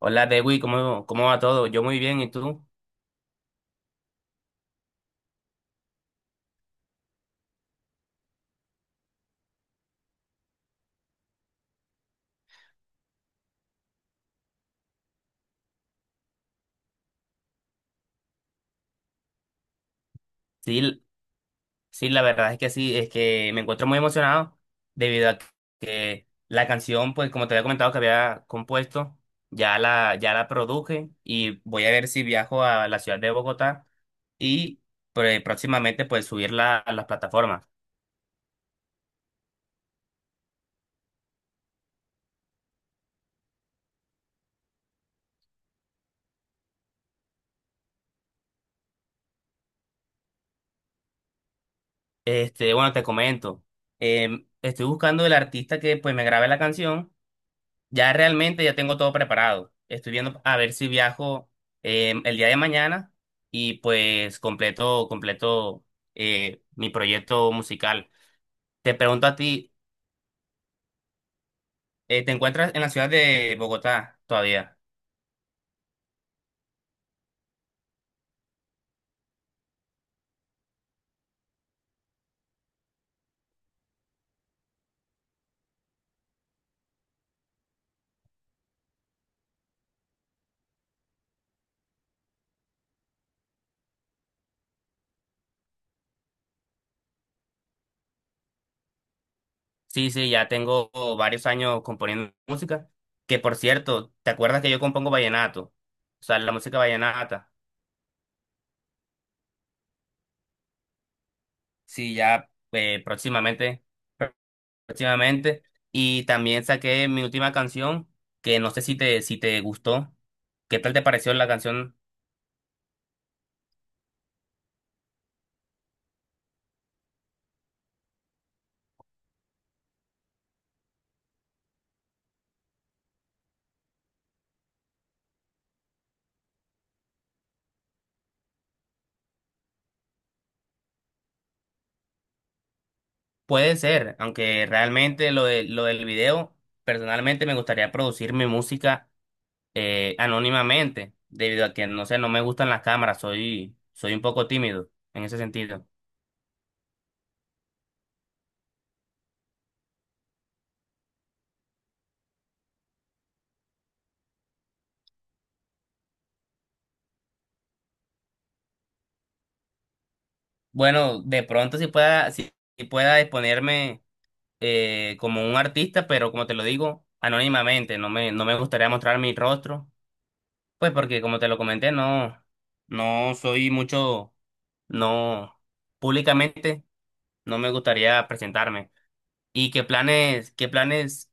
Hola, Dewi, ¿cómo va todo? Yo muy bien, ¿y tú? Sí, sí, la verdad es que sí, es que me encuentro muy emocionado debido a que la canción, pues como te había comentado que había compuesto, ya la produje y voy a ver si viajo a la ciudad de Bogotá y pues, próximamente pues subirla a las plataformas. Este, bueno, te comento, estoy buscando el artista que pues me grabe la canción. Ya realmente ya tengo todo preparado. Estoy viendo a ver si viajo el día de mañana y pues completo mi proyecto musical. Te pregunto a ti, ¿te encuentras en la ciudad de Bogotá todavía? Sí, sí, ya tengo varios años componiendo música. Que por cierto, ¿te acuerdas que yo compongo vallenato? O sea, la música vallenata. Sí, ya próximamente. Próximamente. Y también saqué mi última canción, que no sé si te gustó. ¿Qué tal te pareció la canción? Puede ser, aunque realmente lo del video, personalmente me gustaría producir mi música anónimamente, debido a que, no sé, no me gustan las cámaras, soy un poco tímido en ese sentido. Bueno, de pronto si pueda, si si pueda exponerme como un artista, pero como te lo digo, anónimamente, no me gustaría mostrar mi rostro. Pues porque como te lo comenté, no, no soy mucho, no, públicamente no me gustaría presentarme. ¿Y qué planes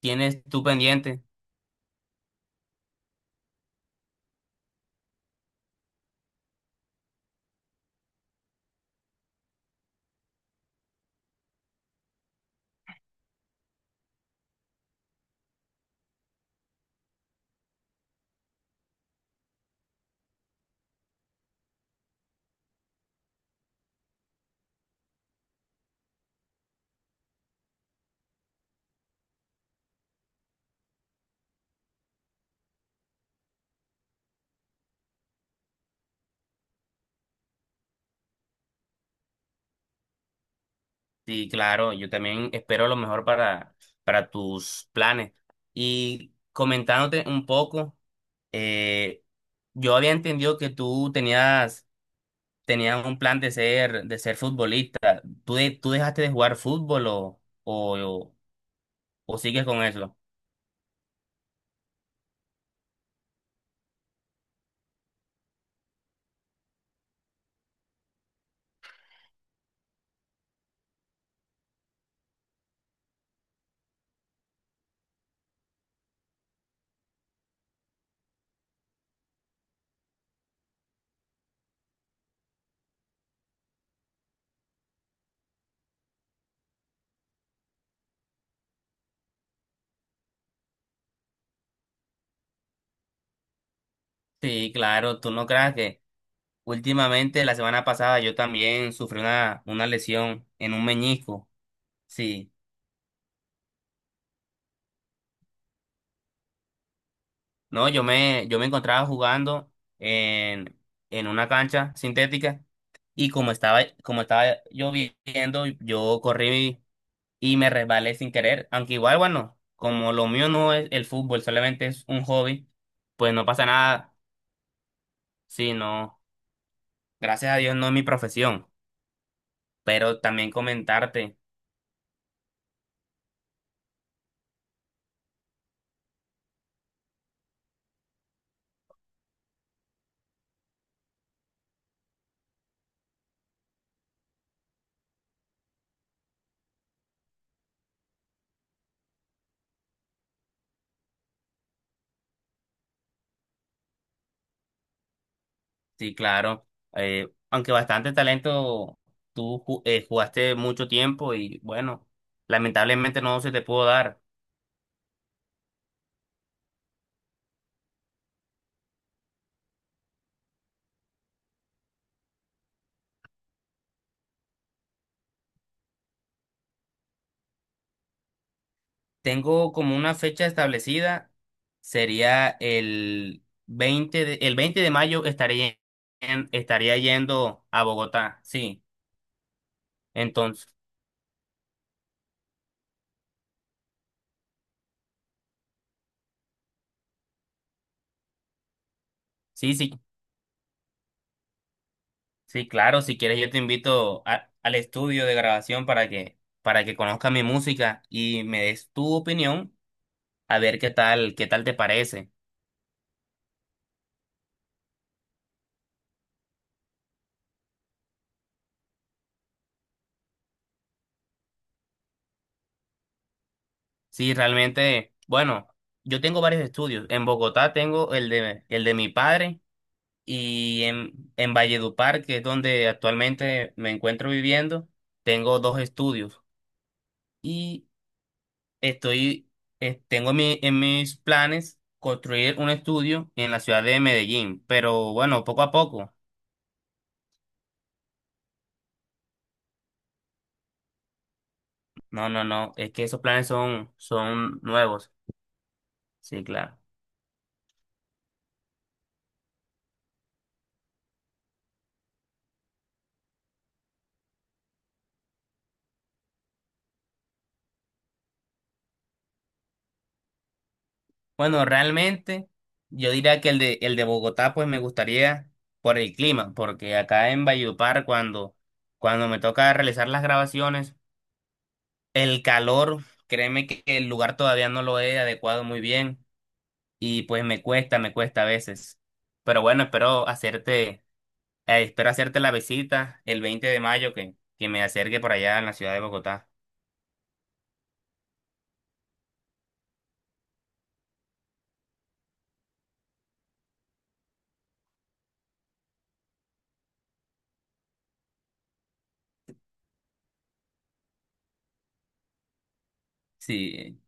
tienes tú pendiente? Sí, claro, yo también espero lo mejor para tus planes. Y comentándote un poco, eh, yo había entendido que tú tenías un plan de ser futbolista. ¿Tú, tú dejaste de jugar fútbol o sigues con eso? Sí, claro, tú no creas que últimamente la semana pasada yo también sufrí una lesión en un meñisco. Sí, no, yo me encontraba jugando en, en una cancha sintética y como estaba lloviendo, yo corrí y me resbalé sin querer. Aunque igual, bueno, como lo mío no es el fútbol, solamente es un hobby, pues no pasa nada. Sí, no, gracias a Dios no es mi profesión, pero también comentarte. Sí, claro. Aunque bastante talento, tú jugaste mucho tiempo y bueno, lamentablemente no se te pudo dar. Tengo como una fecha establecida, sería el 20 de mayo estaría, estaría yendo a Bogotá, sí. Entonces, sí, sí, sí, claro, si quieres yo te invito al estudio de grabación para que conozcas mi música y me des tu opinión a ver qué tal te parece. Sí, realmente, bueno, yo tengo varios estudios. En Bogotá tengo el de mi padre y en Valledupar, que es donde actualmente me encuentro viviendo, tengo dos estudios. Y estoy, tengo en en mis planes construir un estudio en la ciudad de Medellín, pero bueno, poco a poco. No, no, no, es que esos planes son nuevos. Sí, claro. Bueno, realmente yo diría que el de Bogotá pues me gustaría por el clima, porque acá en Valledupar cuando me toca realizar las grabaciones, el calor, créeme que el lugar todavía no lo he adecuado muy bien y pues me cuesta a veces. Pero bueno, espero hacerte la visita el 20 de mayo que me acerque por allá en la ciudad de Bogotá. Sí,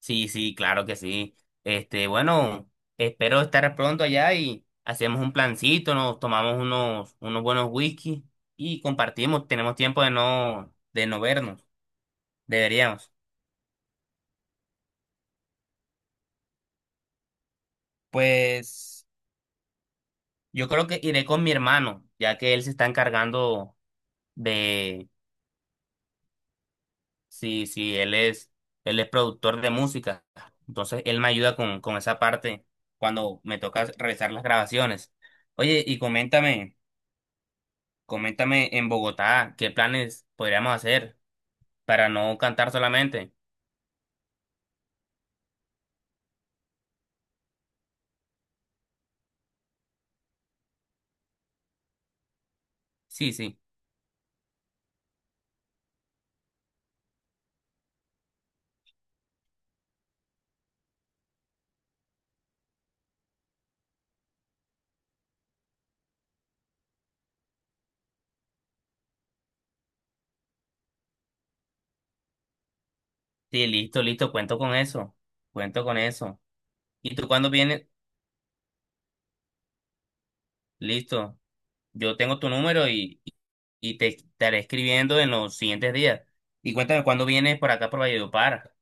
sí, sí, claro que sí. Este, bueno, espero estar pronto allá y hacemos un plancito, nos tomamos unos, unos buenos whisky y compartimos. Tenemos tiempo de no vernos. Deberíamos. Pues yo creo que iré con mi hermano, ya que él se está encargando de, sí, sí, él es productor de música. Entonces él me ayuda con esa parte cuando me toca realizar las grabaciones. Oye, y coméntame. Coméntame en Bogotá qué planes podríamos hacer para no cantar solamente. Sí, sí. Sí, listo, listo, cuento con eso. Cuento con eso. ¿Y tú cuándo vienes? Listo. Yo tengo tu número y te estaré escribiendo en los siguientes días. Y cuéntame cuándo vienes por acá por Valledupar.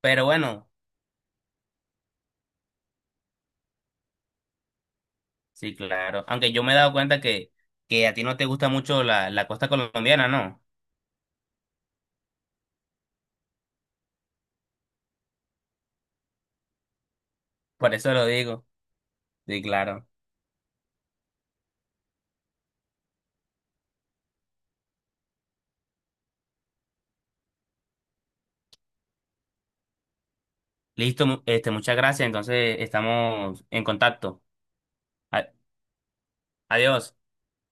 Pero bueno, sí, claro. Aunque yo me he dado cuenta que a ti no te gusta mucho la, la costa colombiana, ¿no? Por eso lo digo. Sí, claro. Listo, este, muchas gracias. Entonces estamos en contacto. A- Adiós.